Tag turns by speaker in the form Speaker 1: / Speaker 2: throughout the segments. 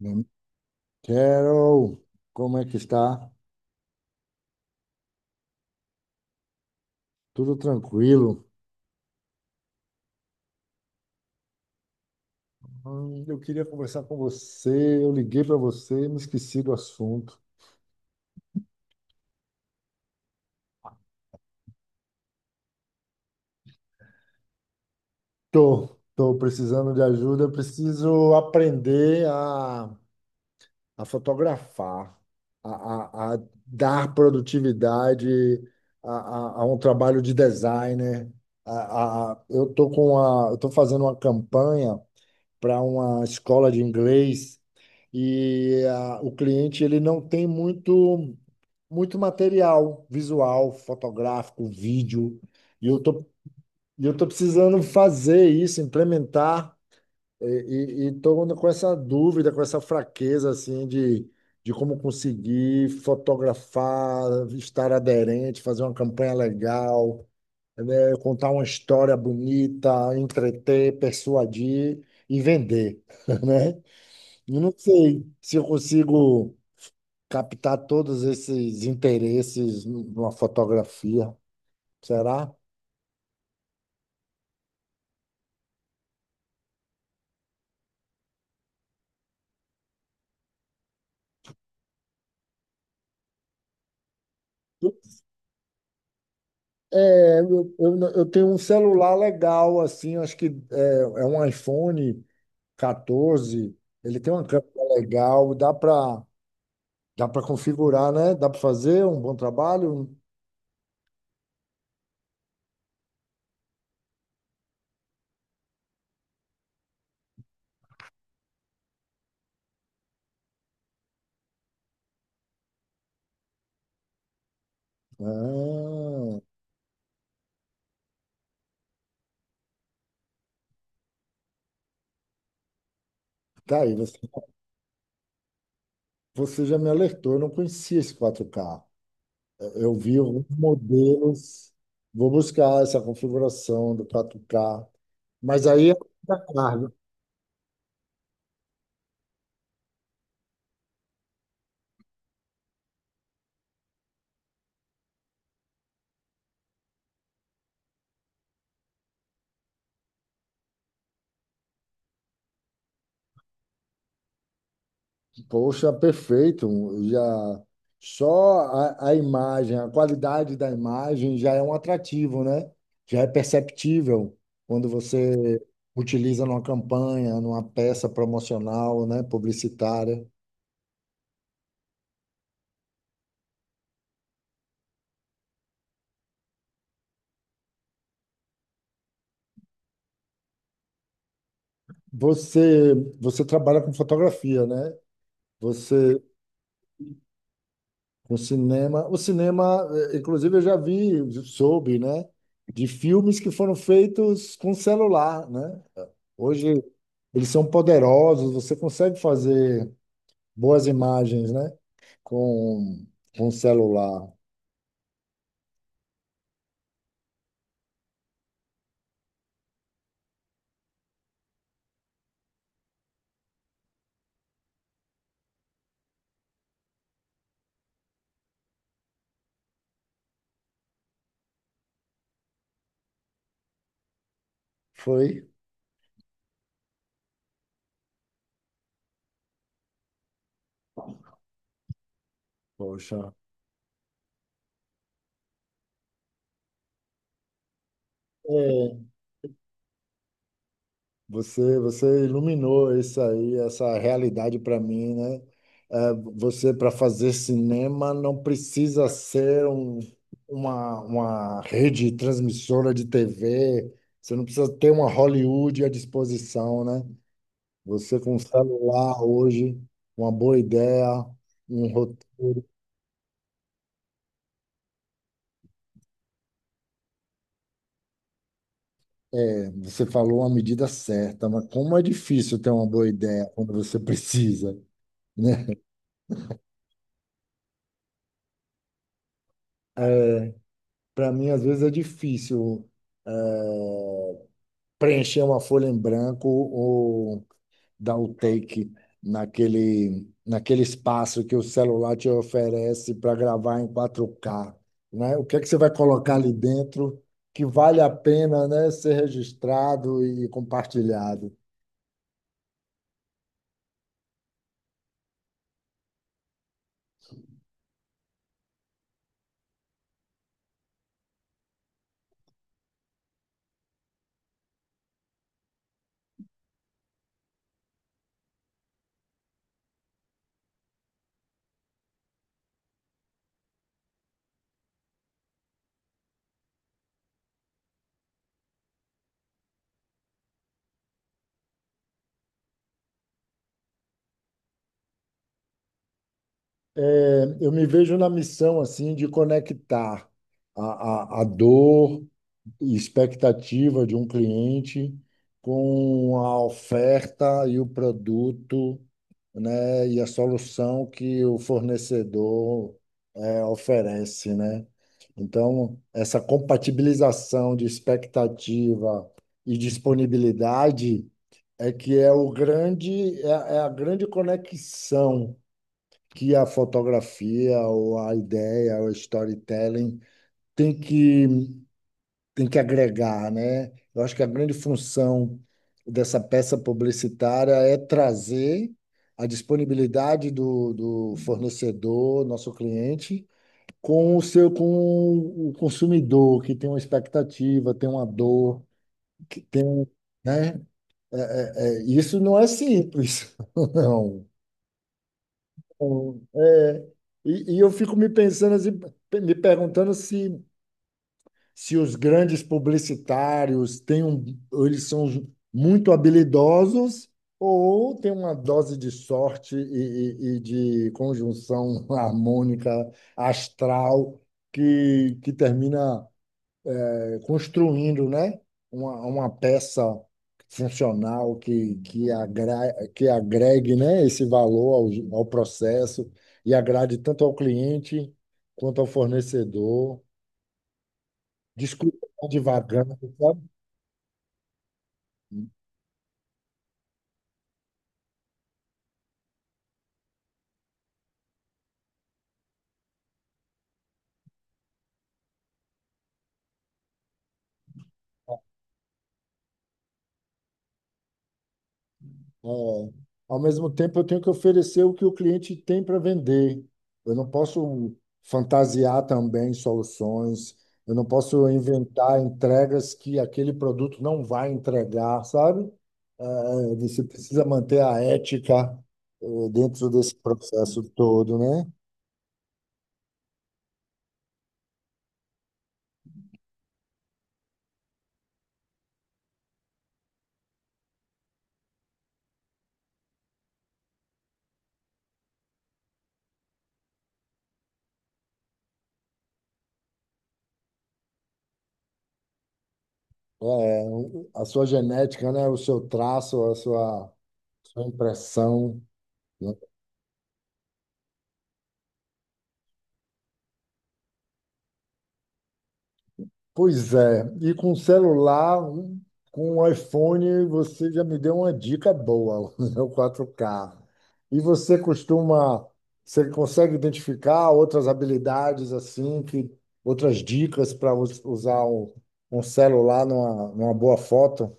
Speaker 1: Hum, Carol, como é que está? Tudo tranquilo? Eu queria conversar com você. Eu liguei para você e me esqueci do assunto. Tô precisando de ajuda. Eu preciso aprender a fotografar, a dar produtividade a, a um trabalho de designer. Eu tô fazendo uma campanha para uma escola de inglês e o cliente ele não tem muito muito material visual, fotográfico, vídeo, e eu tô, e eu tô precisando fazer isso, implementar, e tô com essa dúvida, com essa fraqueza, assim, de como conseguir fotografar, estar aderente, fazer uma campanha legal, né, contar uma história bonita, entreter, persuadir e vender, né? Eu não sei se eu consigo captar todos esses interesses numa fotografia. Será? É, eu, não- eu tenho um celular legal, assim, acho que é um iPhone 14. Ele tem uma câmera legal, dá para configurar, né? Dá para fazer um bom trabalho. Ah, tá aí, você já me alertou, eu não conhecia esse 4K. Eu vi alguns modelos, vou buscar essa configuração do 4K, mas aí é muita carga. Poxa, perfeito, já só a imagem, a qualidade da imagem já é um atrativo, né? Já é perceptível quando você utiliza numa campanha, numa peça promocional, né, publicitária. Você, você trabalha com fotografia, né? Você O cinema, inclusive eu já vi, soube, né, de filmes que foram feitos com celular, né? Hoje eles são poderosos, você consegue fazer boas imagens, né, com celular. Foi, poxa. Você iluminou isso aí, essa realidade para mim, né? É, você, para fazer cinema, não precisa ser uma rede transmissora de TV, você não precisa ter uma Hollywood à disposição, né? Você com um celular hoje, uma boa ideia, um roteiro. Você falou a medida certa, mas como é difícil ter uma boa ideia quando você precisa, né? Para mim, às vezes, é difícil. É, preencher uma folha em branco ou dar o take naquele espaço que o celular te oferece para gravar em 4K, né? O que é que você vai colocar ali dentro que vale a pena, né, ser registrado e compartilhado? É, eu me vejo na missão assim de conectar a dor e expectativa de um cliente com a oferta e o produto, né, e a solução que o fornecedor oferece, né? Então, essa compatibilização de expectativa e disponibilidade é que é o grande, é, a é a grande conexão que a fotografia ou a ideia ou storytelling tem que tem que agregar, né? Eu acho que a grande função dessa peça publicitária é trazer a disponibilidade do fornecedor, nosso cliente, com o seu, com o consumidor, que tem uma expectativa, tem uma dor, que tem, né? É, isso não é simples, não. É, e eu fico me pensando assim, me perguntando se se os grandes publicitários eles são muito habilidosos ou tem uma dose de sorte e, e de conjunção harmônica astral que termina construindo, né, uma peça funcional que agregue, né, esse valor ao processo e agrade tanto ao cliente quanto ao fornecedor. Desculpa, estar divagando. É, ao mesmo tempo, eu tenho que oferecer o que o cliente tem para vender. Eu não posso fantasiar também soluções, eu não posso inventar entregas que aquele produto não vai entregar, sabe? É, você precisa manter a ética, dentro desse processo todo, né? É, a sua genética, né? O seu traço, a sua, sua impressão, né? Pois é, e com celular, com o iPhone, você já me deu uma dica boa, o 4K. E você costuma, você consegue identificar outras habilidades assim, que outras dicas para usar um, um celular numa, numa boa foto?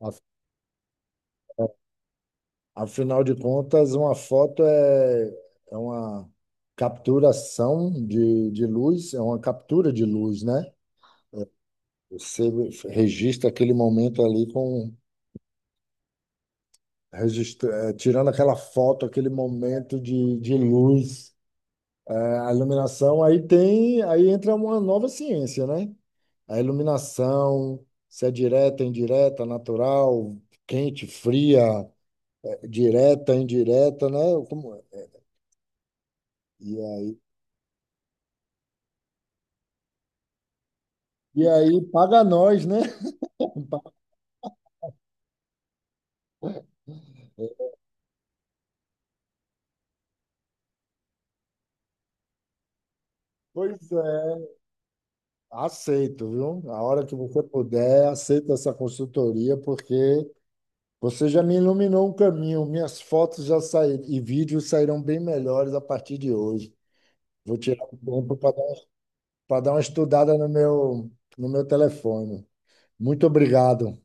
Speaker 1: Af- Afinal de contas, uma foto é, é uma capturação de luz, é uma captura de luz, né? Você registra aquele momento ali tirando aquela foto, aquele momento de luz. A iluminação, aí tem, aí entra uma nova ciência, né? A iluminação, se é direta, indireta, natural, quente, fria, direta, indireta, né? Como é? E aí, e aí paga nós, né? Pois é, aceito, viu? A hora que você puder, aceita essa consultoria, porque você já me iluminou um caminho, minhas fotos já saíram e vídeos sairão bem melhores a partir de hoje. Vou tirar um tempo para dar uma estudada no meu telefone. Muito obrigado.